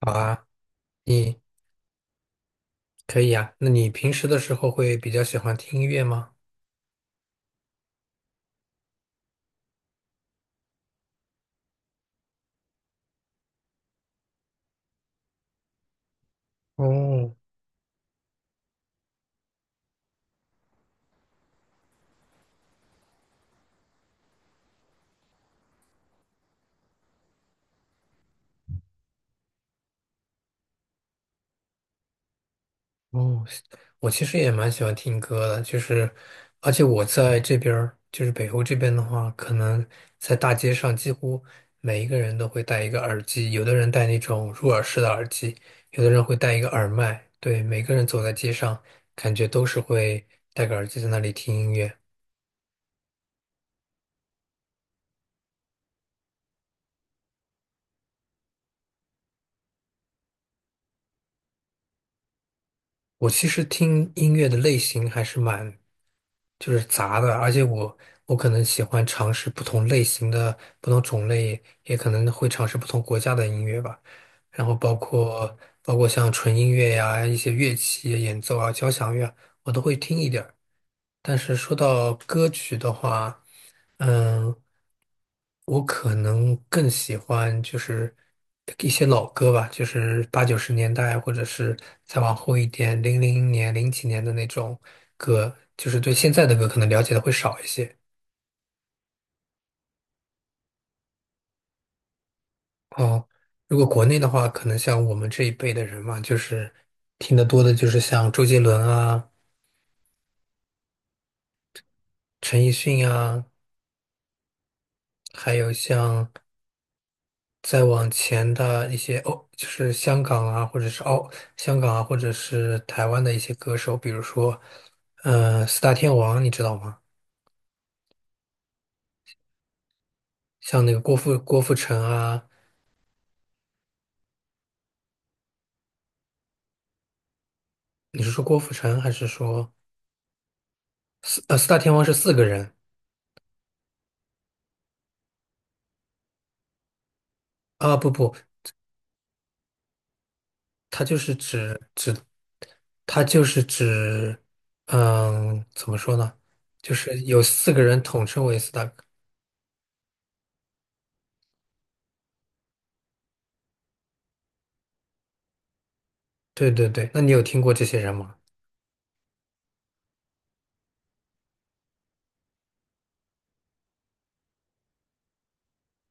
好啊，你可以啊。那你平时的时候会比较喜欢听音乐吗？哦哦，我其实也蛮喜欢听歌的，就是，而且我在这边儿，就是北欧这边的话，可能在大街上几乎每一个人都会戴一个耳机，有的人戴那种入耳式的耳机，有的人会戴一个耳麦。对，每个人走在街上，感觉都是会戴个耳机在那里听音乐。我其实听音乐的类型还是蛮就是杂的，而且我可能喜欢尝试不同类型的、不同种类，也可能会尝试不同国家的音乐吧。然后包括像纯音乐呀、一些乐器演奏啊、交响乐啊，我都会听一点儿。但是说到歌曲的话，嗯，我可能更喜欢就是一些老歌吧，就是八九十年代，或者是再往后一点，零零年、零几年的那种歌，就是对现在的歌可能了解的会少一些。哦，如果国内的话，可能像我们这一辈的人嘛，就是听得多的就是像周杰伦啊、陈奕迅啊，还有像。再往前的一些哦，就是香港啊，或者是澳、香港啊，或者是台湾的一些歌手。比如说，四大天王，你知道吗？像那个郭富城啊。你是说郭富城还是说四大天王是四个人啊？不不，他就是指指他就是指,嗯，怎么说呢？就是有四个人统称为四大。对对对，那你有听过这些人吗？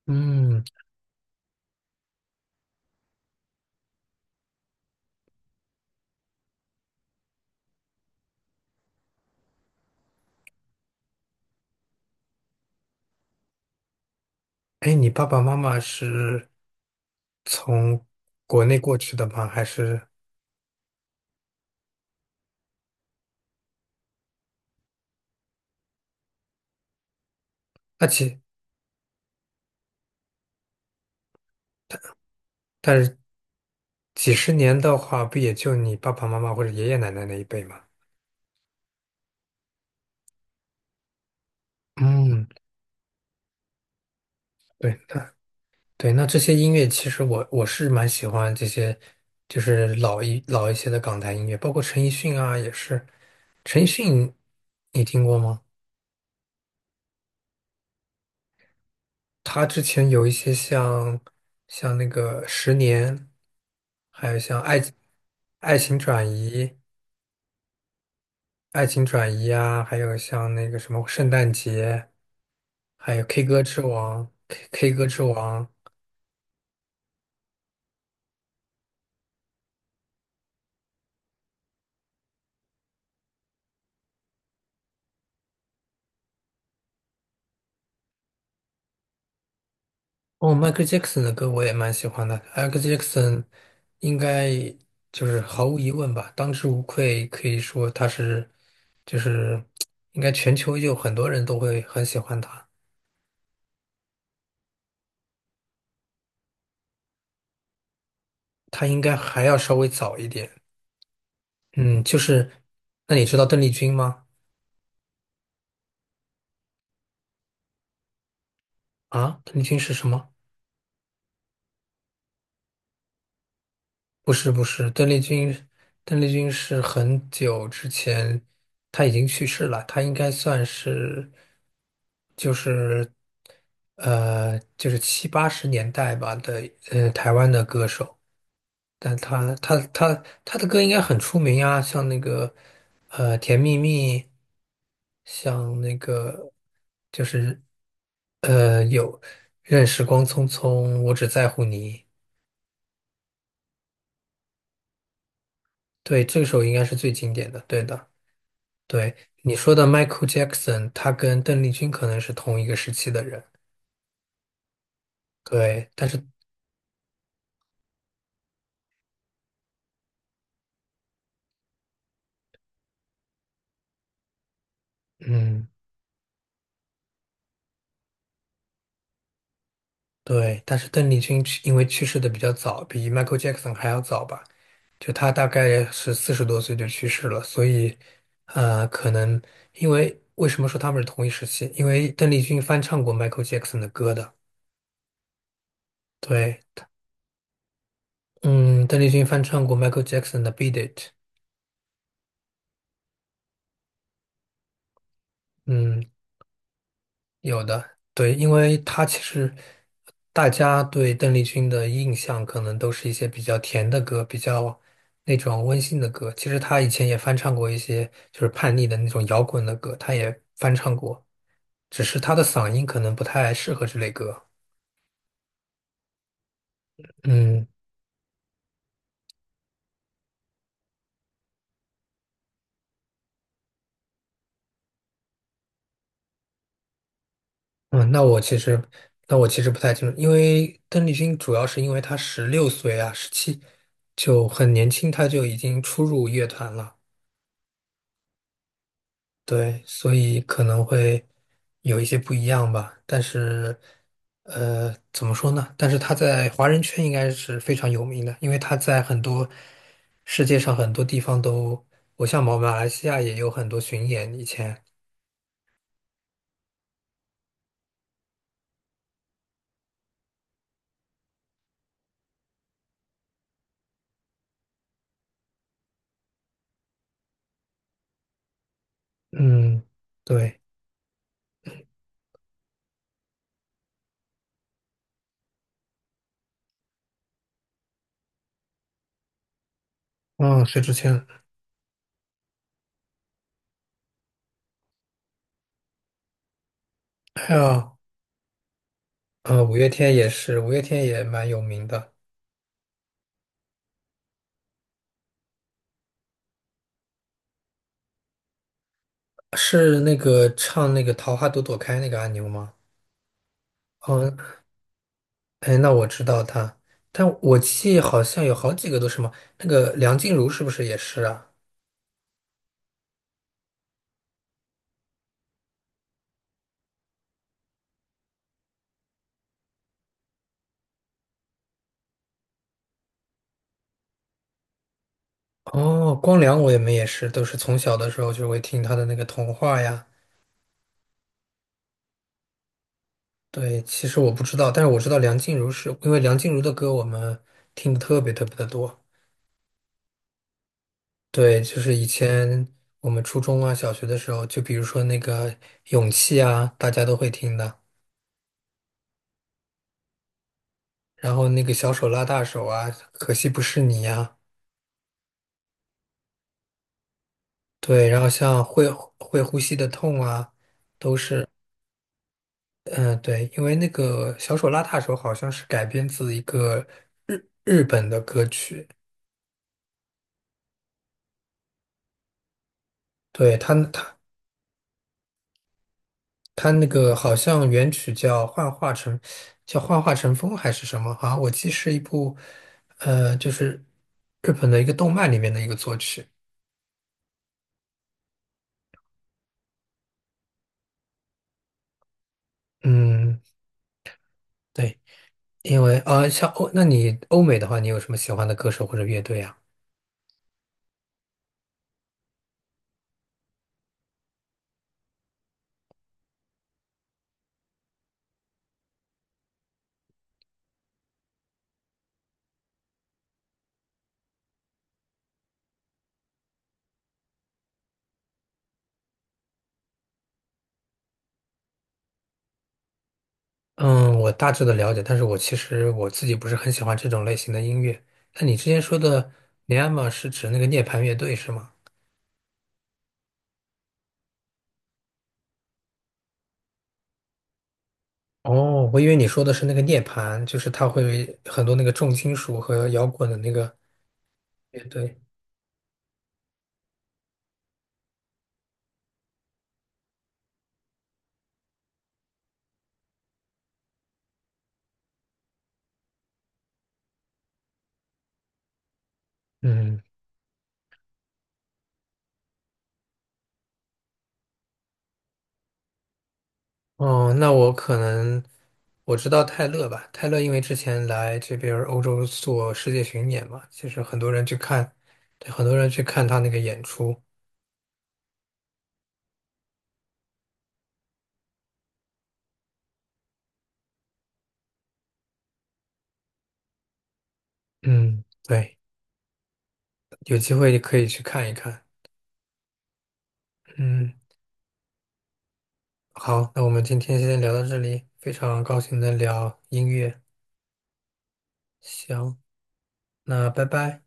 嗯。哎，你爸爸妈妈是从国内过去的吗？还是那几，但是几十年的话，不也就你爸爸妈妈或者爷爷奶奶那一辈吗？嗯，对，那对，那这些音乐其实我是蛮喜欢这些，就是老一些的港台音乐，包括陈奕迅啊，也是。陈奕迅，你听过吗？他之前有一些像像那个《十年》，还有《爱情转移》。《爱情转移》啊，还有像那个什么《圣诞节》，还有《K 歌之王》。哦，迈克 c h a e 的歌我也蛮喜欢的。m 克 c h a e 应该就是毫无疑问吧，当之无愧，可以说他是就是应该全球有很多人都会很喜欢他。他应该还要稍微早一点。嗯，就是，那你知道邓丽君吗？啊，邓丽君是什么？不是不是，邓丽君，邓丽君是很久之前，她已经去世了，她应该算是，就是，就是七八十年代吧的，台湾的歌手。但她的歌应该很出名啊，像那个，甜蜜蜜》，像那个就是呃有《任时光匆匆》，我只在乎你。对，这首应该是最经典的，对的。对，你说的 Michael Jackson,他跟邓丽君可能是同一个时期的人。对，但是，嗯，对，但是邓丽君去因为去世的比较早，比 Michael Jackson 还要早吧？就他大概是40多岁就去世了，所以，可能因为为什么说他们是同一时期？因为邓丽君翻唱过 Michael Jackson 的歌的。对。嗯，邓丽君翻唱过 Michael Jackson 的《Beat It》。嗯，有的，对，因为他其实大家对邓丽君的印象可能都是一些比较甜的歌，比较那种温馨的歌。其实他以前也翻唱过一些就是叛逆的那种摇滚的歌，他也翻唱过，只是他的嗓音可能不太适合这类歌。嗯。嗯，那我其实不太清楚，因为邓丽君主要是因为她16岁啊，17，就很年轻，她就已经初入乐团了。对，所以可能会有一些不一样吧。但是，怎么说呢？但是他在华人圈应该是非常有名的，因为他在很多，世界上很多地方都，我像马来西亚也有很多巡演以前。嗯，对。嗯，薛之谦。还有，五月天也是，五月天也蛮有名的。是那个唱那个《桃花朵朵开》那个阿牛吗？嗯。哎，那我知道他，但我记好像有好几个都是嘛。那个梁静茹是不是也是啊？哦，光良我也没也是，都是从小的时候就会听他的那个童话呀。对，其实我不知道，但是我知道梁静茹是因为梁静茹的歌我们听的特别特别的多。对，就是以前我们初中啊、小学的时候，就比如说那个《勇气》啊，大家都会听的。然后那个小手拉大手啊，可惜不是你呀、啊对。然后像会呼吸的痛啊，都是，嗯，对。因为那个小手拉大手好像是改编自一个日本的歌曲，对，他那个好像原曲叫《幻化成》，叫《幻化成风》还是什么？好像我记是一部，就是日本的一个动漫里面的一个作曲。嗯，对。因为啊，那你欧美的话，你有什么喜欢的歌手或者乐队啊？嗯，我大致的了解，但是我其实我自己不是很喜欢这种类型的音乐。那你之前说的尼亚玛是指那个涅槃乐队是吗？哦，我以为你说的是那个涅槃，就是它会很多那个重金属和摇滚的那个乐队。嗯。哦，那我可能我知道泰勒吧。泰勒因为之前来这边儿欧洲做世界巡演嘛，其实很多人去看，对，很多人去看他那个演出。嗯，对，有机会可以去看一看。嗯。好，那我们今天先聊到这里，非常高兴能聊音乐。行，那拜拜。